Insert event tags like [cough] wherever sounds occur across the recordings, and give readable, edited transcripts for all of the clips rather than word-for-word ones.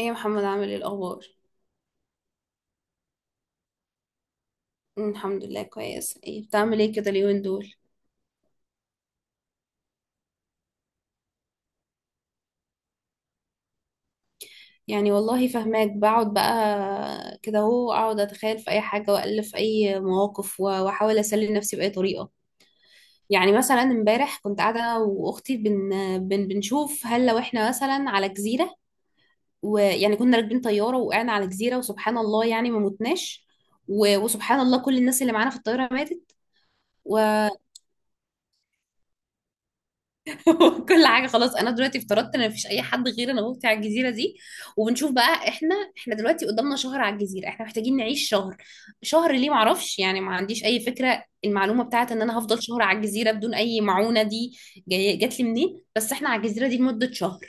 ايه يا محمد، عامل ايه الاخبار؟ الحمد لله كويس. ايه بتعمل ايه كده اليومين دول؟ يعني والله فهماك. بقعد بقى كده اهو، اقعد اتخيل في اي حاجه، والف في اي مواقف، واحاول اسلي نفسي باي طريقه. يعني مثلا امبارح كنت قاعده انا واختي بنشوف هل لو احنا مثلا على جزيره، ويعني كنا راكبين طياره وقعنا على جزيره، وسبحان الله يعني ما متناش. وسبحان الله كل الناس اللي معانا في الطياره ماتت. و... [laughs] كل حاجه خلاص. انا دلوقتي افترضت ان مفيش اي حد غير انا وأختي على الجزيره دي، وبنشوف بقى. احنا دلوقتي قدامنا شهر على الجزيره، احنا محتاجين نعيش شهر. شهر ليه؟ معرفش، يعني ما عنديش اي فكره المعلومه بتاعت ان انا هفضل شهر على الجزيره بدون اي معونه دي جات لي منين، بس احنا على الجزيره دي لمده شهر.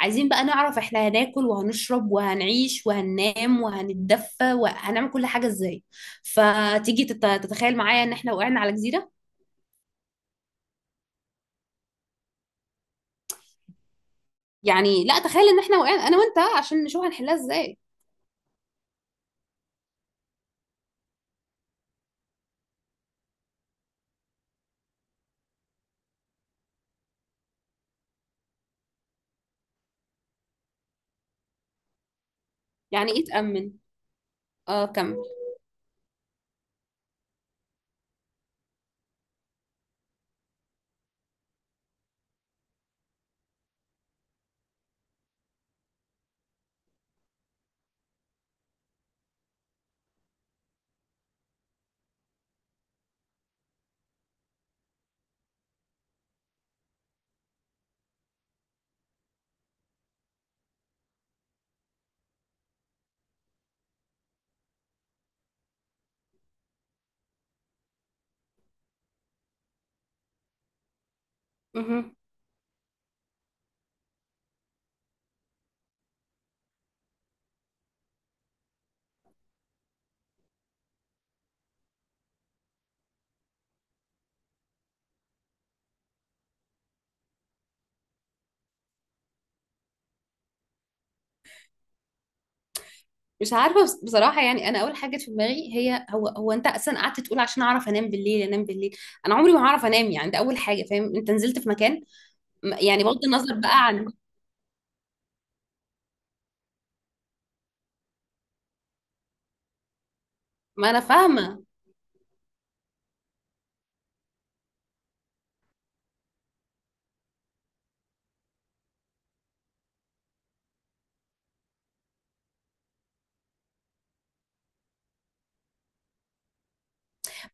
عايزين بقى نعرف احنا هناكل وهنشرب وهنعيش وهننام وهنتدفى وهنعمل كل حاجه ازاي. فتيجي تتخيل معايا ان احنا وقعنا على جزيره؟ يعني لا، تخيل ان احنا وقعنا انا وانت عشان نشوف هنحلها ازاي. يعني ايه تأمن؟ اه، كمل. مهم. مش عارفة، بصراحة، يعني أنا أول حاجة جت في دماغي هي هو أنت أصلا قعدت تقول عشان أعرف أنام بالليل. أنام بالليل أنا عمري ما هعرف أنام. يعني ده أول حاجة. فاهم، أنت نزلت في مكان، يعني بغض النظر بقى عن، ما أنا فاهمة.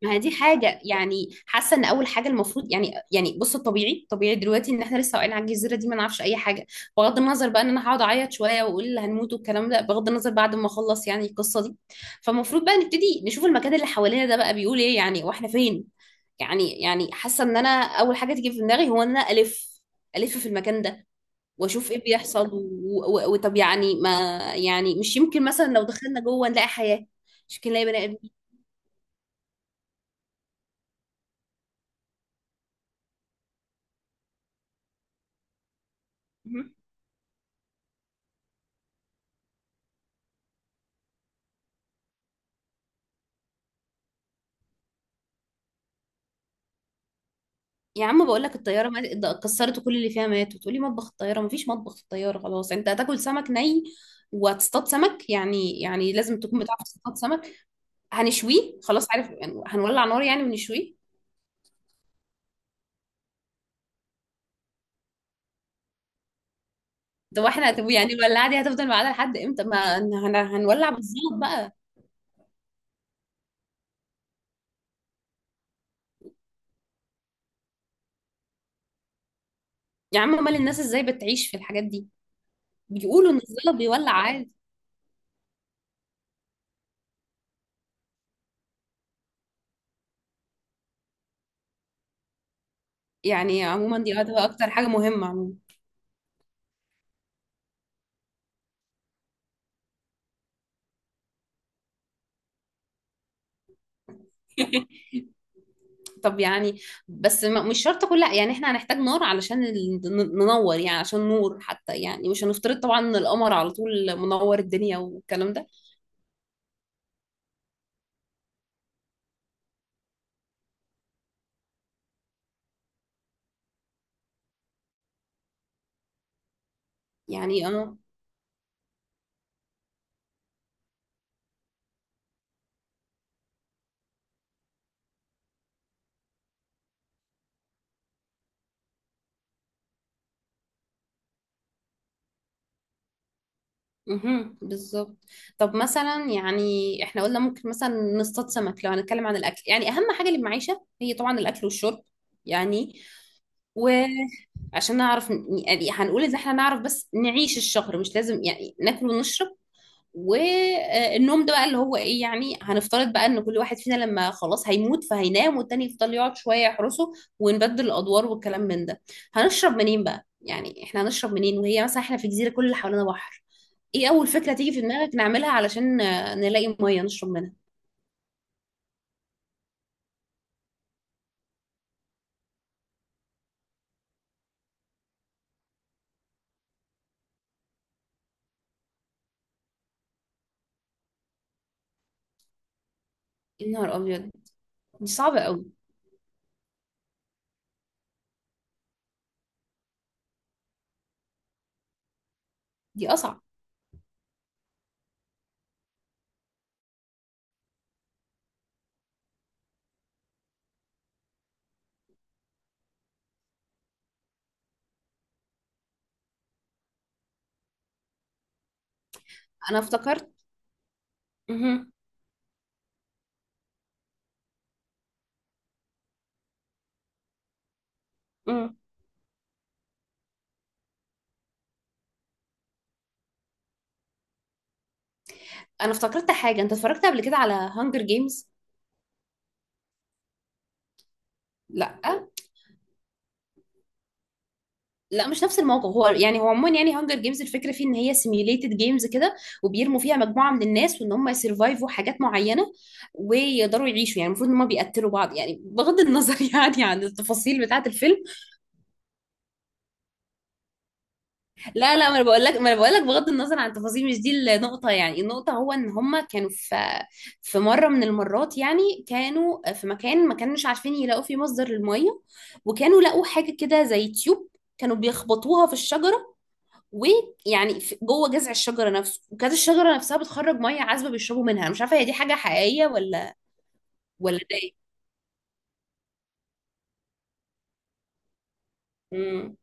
ما هي دي حاجة، يعني حاسة ان اول حاجة المفروض، يعني بص، الطبيعي طبيعي دلوقتي ان احنا لسه واقعين على الجزيرة دي ما نعرفش اي حاجة. بغض النظر بقى ان انا هقعد اعيط شوية واقول هنموت والكلام ده، بغض النظر، بعد ما اخلص يعني القصة دي، فالمفروض بقى نبتدي نشوف المكان اللي حوالينا ده بقى بيقول ايه، يعني واحنا فين. يعني حاسة ان انا اول حاجة تيجي في دماغي هو ان انا الف، الف في المكان ده واشوف ايه بيحصل وطب يعني، ما يعني مش يمكن مثلا لو دخلنا جوه نلاقي حياة؟ مش يمكن نلاقي بني ادمين؟ يا عم بقول لك الطياره ده كسرت، كل اللي فيها مات، وتقولي مطبخ الطياره؟ مفيش مطبخ في الطياره. خلاص، انت هتاكل سمك ني، وهتصطاد سمك. يعني لازم تكون بتعرف تصطاد سمك. هنشويه خلاص، عارف يعني هنولع نار يعني ونشويه. ده واحنا هتبقى يعني الولاعه دي هتفضل معانا لحد امتى؟ ما هنولع بالظبط بقى. يا عم امال الناس ازاي بتعيش في الحاجات دي؟ بيقولوا ان الزلط بيولع عادي. يعني عموما دي هتبقى اكتر حاجه مهمه عموما. [laughs] طب يعني، بس مش شرط كل، يعني احنا هنحتاج نار علشان ننور، يعني عشان نور حتى، يعني مش هنفترض طبعا ان القمر على طول منور الدنيا والكلام ده. يعني اه. مهم. بالظبط. طب مثلا يعني احنا قلنا ممكن مثلا نصطاد سمك لو هنتكلم عن الاكل. يعني اهم حاجه للمعيشه هي طبعا الاكل والشرب. يعني وعشان نعرف، يعني هنقول ان احنا نعرف بس نعيش الشهر، مش لازم يعني ناكل ونشرب. والنوم ده بقى اللي هو ايه؟ يعني هنفترض بقى ان كل واحد فينا لما خلاص هيموت فهينام والتاني يفضل يقعد شوية يحرسه، ونبدل الادوار والكلام من ده. هنشرب منين بقى؟ يعني احنا هنشرب منين وهي مثلا احنا في جزيرة كل اللي حوالينا بحر؟ ايه اول فكرة تيجي في دماغك نعملها علشان نلاقي مية نشرب منها؟ يا نهار ابيض، دي صعبة قوي. دي اصعب. انا افتكرت. مهم. مم. انا افتكرت حاجة، انت اتفرجت قبل كده على هانجر جيمز؟ لا، لا، مش نفس الموقف. هو يعني هو عموما، يعني هانجر جيمز الفكره فيه ان هي سيميوليتد جيمز كده، وبيرموا فيها مجموعه من الناس، وان هم يسرفايفوا حاجات معينه ويقدروا يعيشوا. يعني المفروض ان هم بيقتلوا بعض، يعني بغض النظر [laughs] يعني عن التفاصيل بتاعه الفيلم. لا، لا، ما انا بقول لك بغض النظر عن التفاصيل، مش دي النقطه. يعني النقطه هو ان هم كانوا في مره من المرات، يعني كانوا في مكان ما كانوش عارفين يلاقوا فيه مصدر للميه، وكانوا لقوا حاجه كده زي تيوب، كانوا بيخبطوها في الشجرة ويعني جوه جذع الشجره نفسه، وكانت الشجره نفسها بتخرج ميه عذبه بيشربوا منها. أنا مش عارفه هي دي حاجه حقيقيه ولا، ولا ده ايه. امم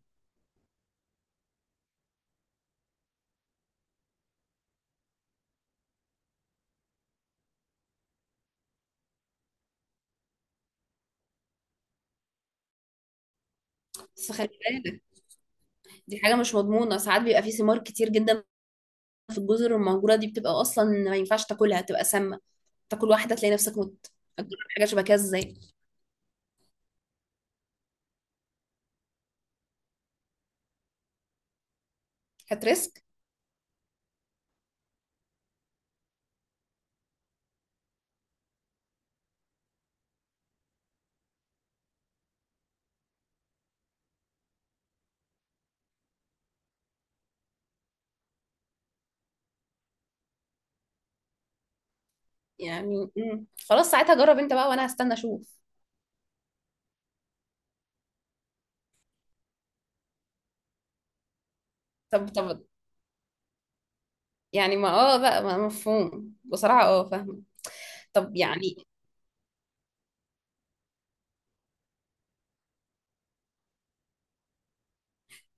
بس خلي بالك، دي حاجه مش مضمونه. ساعات بيبقى في ثمار كتير جدا في الجزر المهجوره دي بتبقى اصلا ما ينفعش تاكلها، بتبقى سامه. تاكل واحده تلاقي نفسك مت. هتجرب حاجه شبه كده ازاي؟ هتريسك؟ يعني خلاص ساعتها جرب انت بقى وانا هستنى اشوف. طب، طب يعني، ما اه بقى، ما مفهوم بصراحه، اه فاهمه. طب يعني،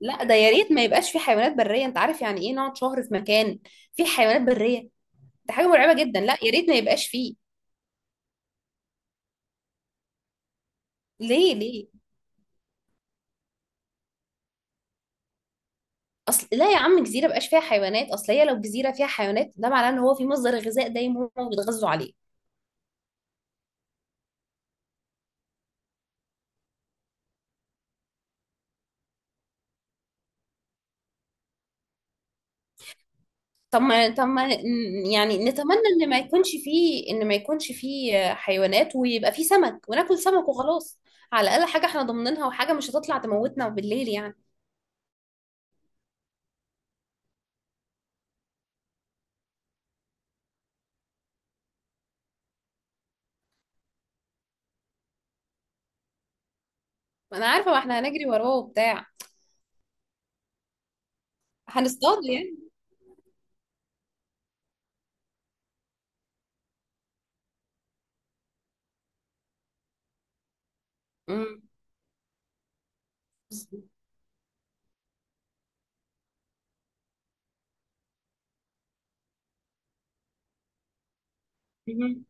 لا، ده يا ريت ما يبقاش في حيوانات بريه. انت عارف يعني ايه نقعد شهر في مكان في حيوانات بريه؟ ده حاجه مرعبه جدا، لا يا ريت ما يبقاش فيه. ليه؟ ليه؟ اصل لا يا عم، جزيره بقاش فيها حيوانات، اصل هي لو جزيره فيها حيوانات ده معناه ان هو في مصدر غذاء دايم هم بيتغذوا عليه. طب ما يعني نتمنى ان ما يكونش فيه، ان ما يكونش فيه حيوانات، ويبقى فيه سمك وناكل سمك وخلاص. على الاقل حاجه احنا ضامنينها، وحاجه مش هتطلع تموتنا بالليل يعني. ما انا عارفه، ما احنا هنجري وراه وبتاع، هنصطاد يعني. امم مهم.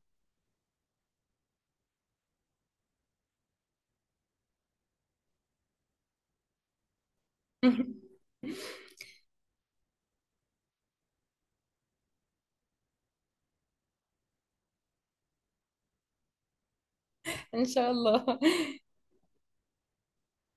[laughs] ان شاء الله.